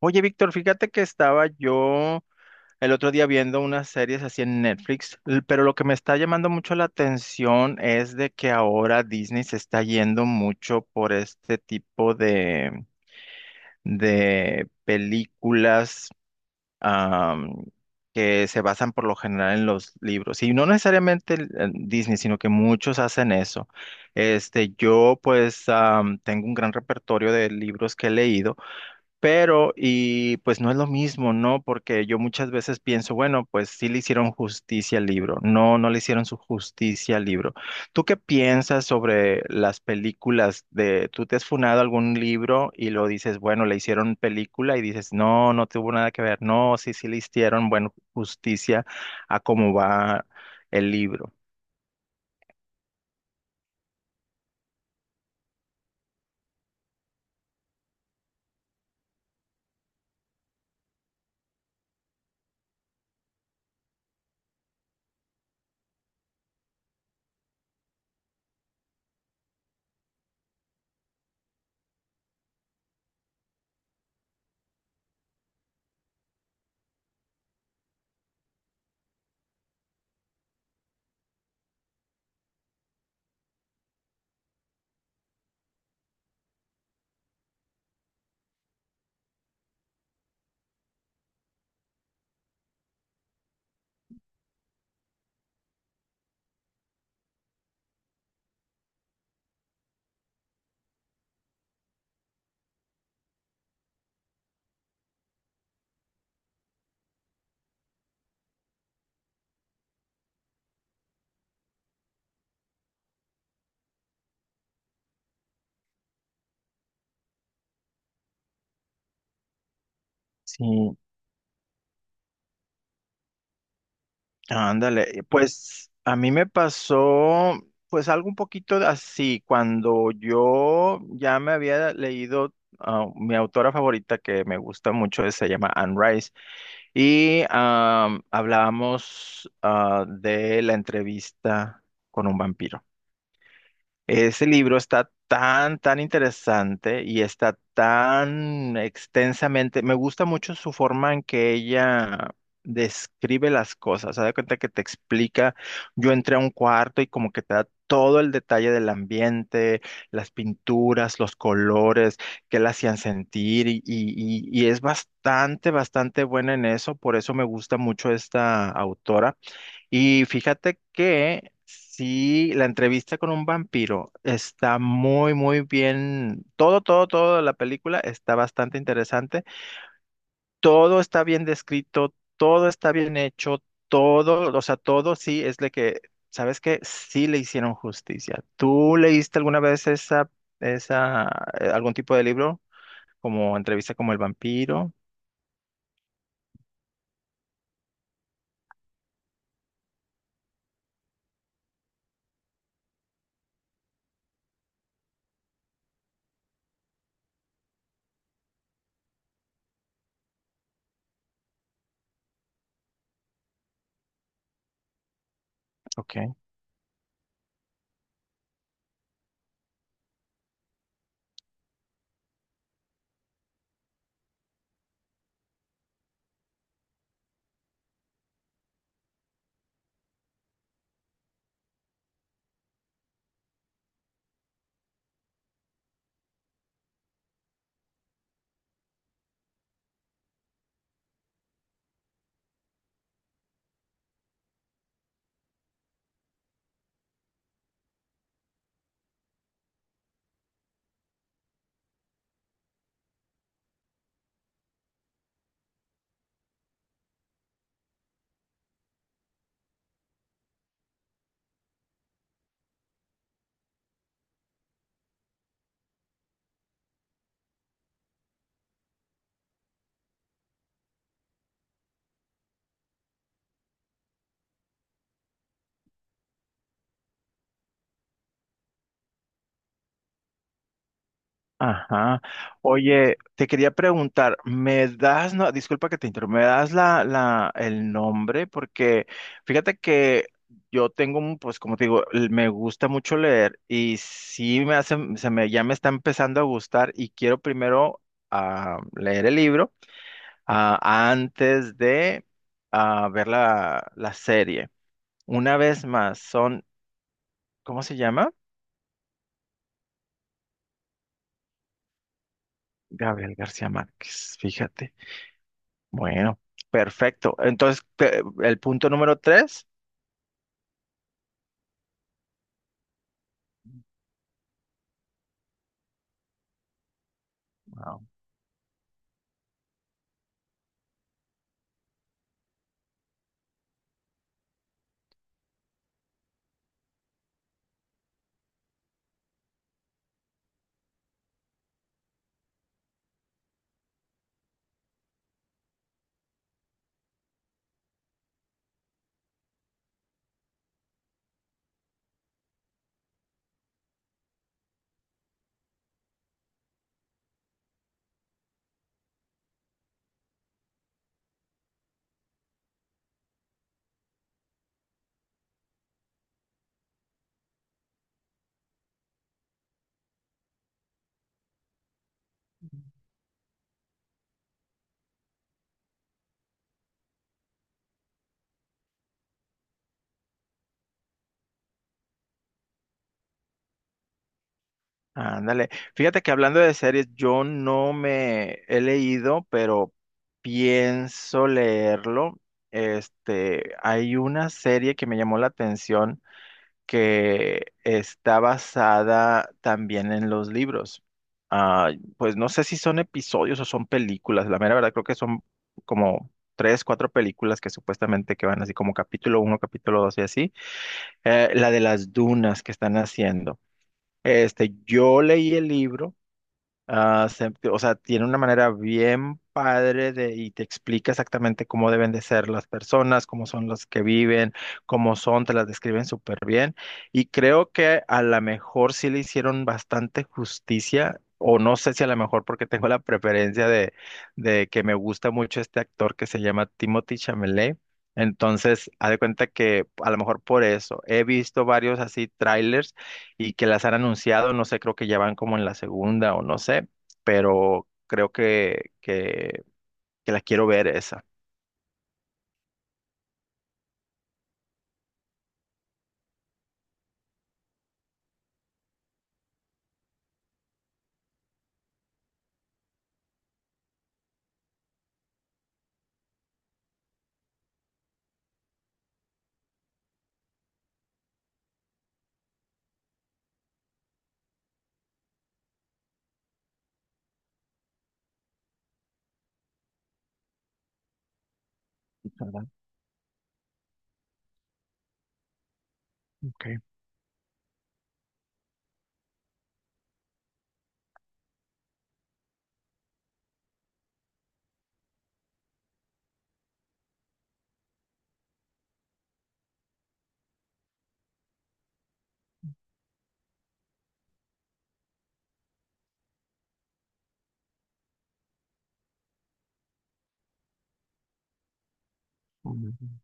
Oye, Víctor, fíjate que estaba yo el otro día viendo unas series así en Netflix, pero lo que me está llamando mucho la atención es de que ahora Disney se está yendo mucho por este tipo de películas am, que se basan por lo general en los libros. Y no necesariamente en Disney, sino que muchos hacen eso. Este, yo pues tengo un gran repertorio de libros que he leído. Pero, y pues no es lo mismo, ¿no? Porque yo muchas veces pienso, bueno, pues sí le hicieron justicia al libro. No, no le hicieron su justicia al libro. ¿Tú qué piensas sobre las películas de, tú te has funado algún libro y lo dices, bueno, le hicieron película y dices, no, no tuvo nada que ver? No, sí, sí le hicieron, bueno, justicia a cómo va el libro. Sí. Ándale, pues a mí me pasó pues algo un poquito de así, cuando yo ya me había leído mi autora favorita que me gusta mucho, se llama Anne Rice, y hablábamos de la entrevista con un vampiro. Ese libro está tan, tan interesante y está tan extensamente. Me gusta mucho su forma en que ella describe las cosas. Se da cuenta que te explica. Yo entré a un cuarto y como que te da todo el detalle del ambiente, las pinturas, los colores, qué la hacían sentir y es bastante, bastante buena en eso. Por eso me gusta mucho esta autora. Y fíjate que sí, la entrevista con un vampiro está muy, muy bien. Todo, todo, todo de la película está bastante interesante. Todo está bien descrito, todo está bien hecho, todo, o sea, todo sí es de que, ¿sabes qué? Sí le hicieron justicia. ¿Tú leíste alguna vez esa, esa, algún tipo de libro como entrevista como el vampiro? Ok. Ajá. Oye, te quería preguntar, ¿me das, no, disculpa que te interrumpa, ¿me das el nombre? Porque fíjate que yo tengo, un, pues como te digo, me gusta mucho leer y sí me hace, se me, ya me está empezando a gustar y quiero primero leer el libro. ah, Antes de ver la serie. Una vez más, son, ¿cómo se llama? Gabriel García Márquez, fíjate. Bueno, perfecto. Entonces, el punto número tres. Wow. Ándale. Fíjate que hablando de series, yo no me he leído, pero pienso leerlo. Este, hay una serie que me llamó la atención que está basada también en los libros. Ah, pues no sé si son episodios o son películas. La mera verdad creo que son como tres, cuatro películas que supuestamente que van así como capítulo uno, capítulo dos y así. La de las dunas que están haciendo. Este, yo leí el libro. O sea, tiene una manera bien padre de, y te explica exactamente cómo deben de ser las personas, cómo son las que viven, cómo son, te las describen súper bien. Y creo que a lo mejor sí le hicieron bastante justicia, o no sé si a lo mejor porque tengo la preferencia de que me gusta mucho este actor que se llama Timothy Chalamet. Entonces, haz de cuenta que a lo mejor por eso he visto varios así trailers y que las han anunciado, no sé, creo que ya van como en la segunda o no sé, pero creo que la quiero ver esa. ¿Verdad? Ok. Mm.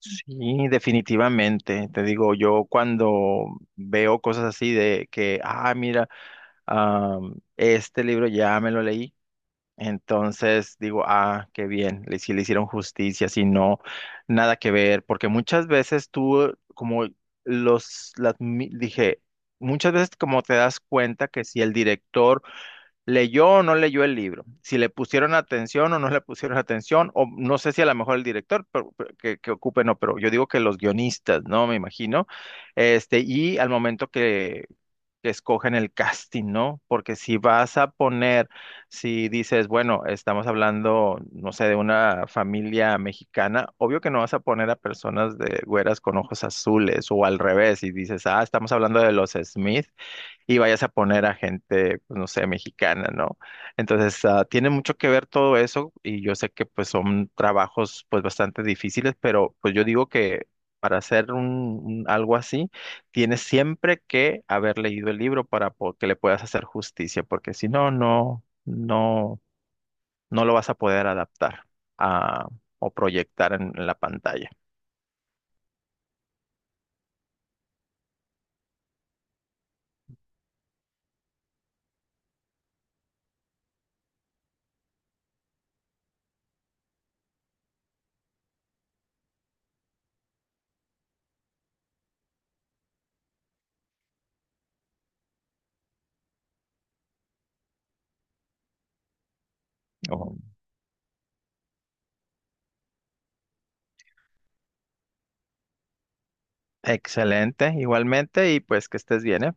Sí, definitivamente. Te digo, yo cuando veo cosas así de que, ah, mira, ah, este libro ya me lo leí. Entonces digo, ah, qué bien, si le hicieron justicia, si no, nada que ver, porque muchas veces tú, como los, las, dije, muchas veces como te das cuenta que si el director leyó o no leyó el libro, si le pusieron atención o no le pusieron atención, o no sé si a lo mejor el director pero que ocupe, no, pero yo digo que los guionistas, ¿no? Me imagino, este, y al momento que escogen el casting, ¿no? Porque si vas a poner, si dices, bueno, estamos hablando, no sé, de una familia mexicana, obvio que no vas a poner a personas de güeras con ojos azules o al revés y dices, ah, estamos hablando de los Smith, y vayas a poner a gente, pues no sé, mexicana, ¿no? Entonces, ah, tiene mucho que ver todo eso y yo sé que pues son trabajos pues bastante difíciles, pero pues yo digo que para hacer un, algo así, tienes siempre que haber leído el libro para que le puedas hacer justicia, porque si no, no, no, no lo vas a poder adaptar a, o proyectar en la pantalla. Oh, excelente, igualmente, y pues que estés bien, ¿eh?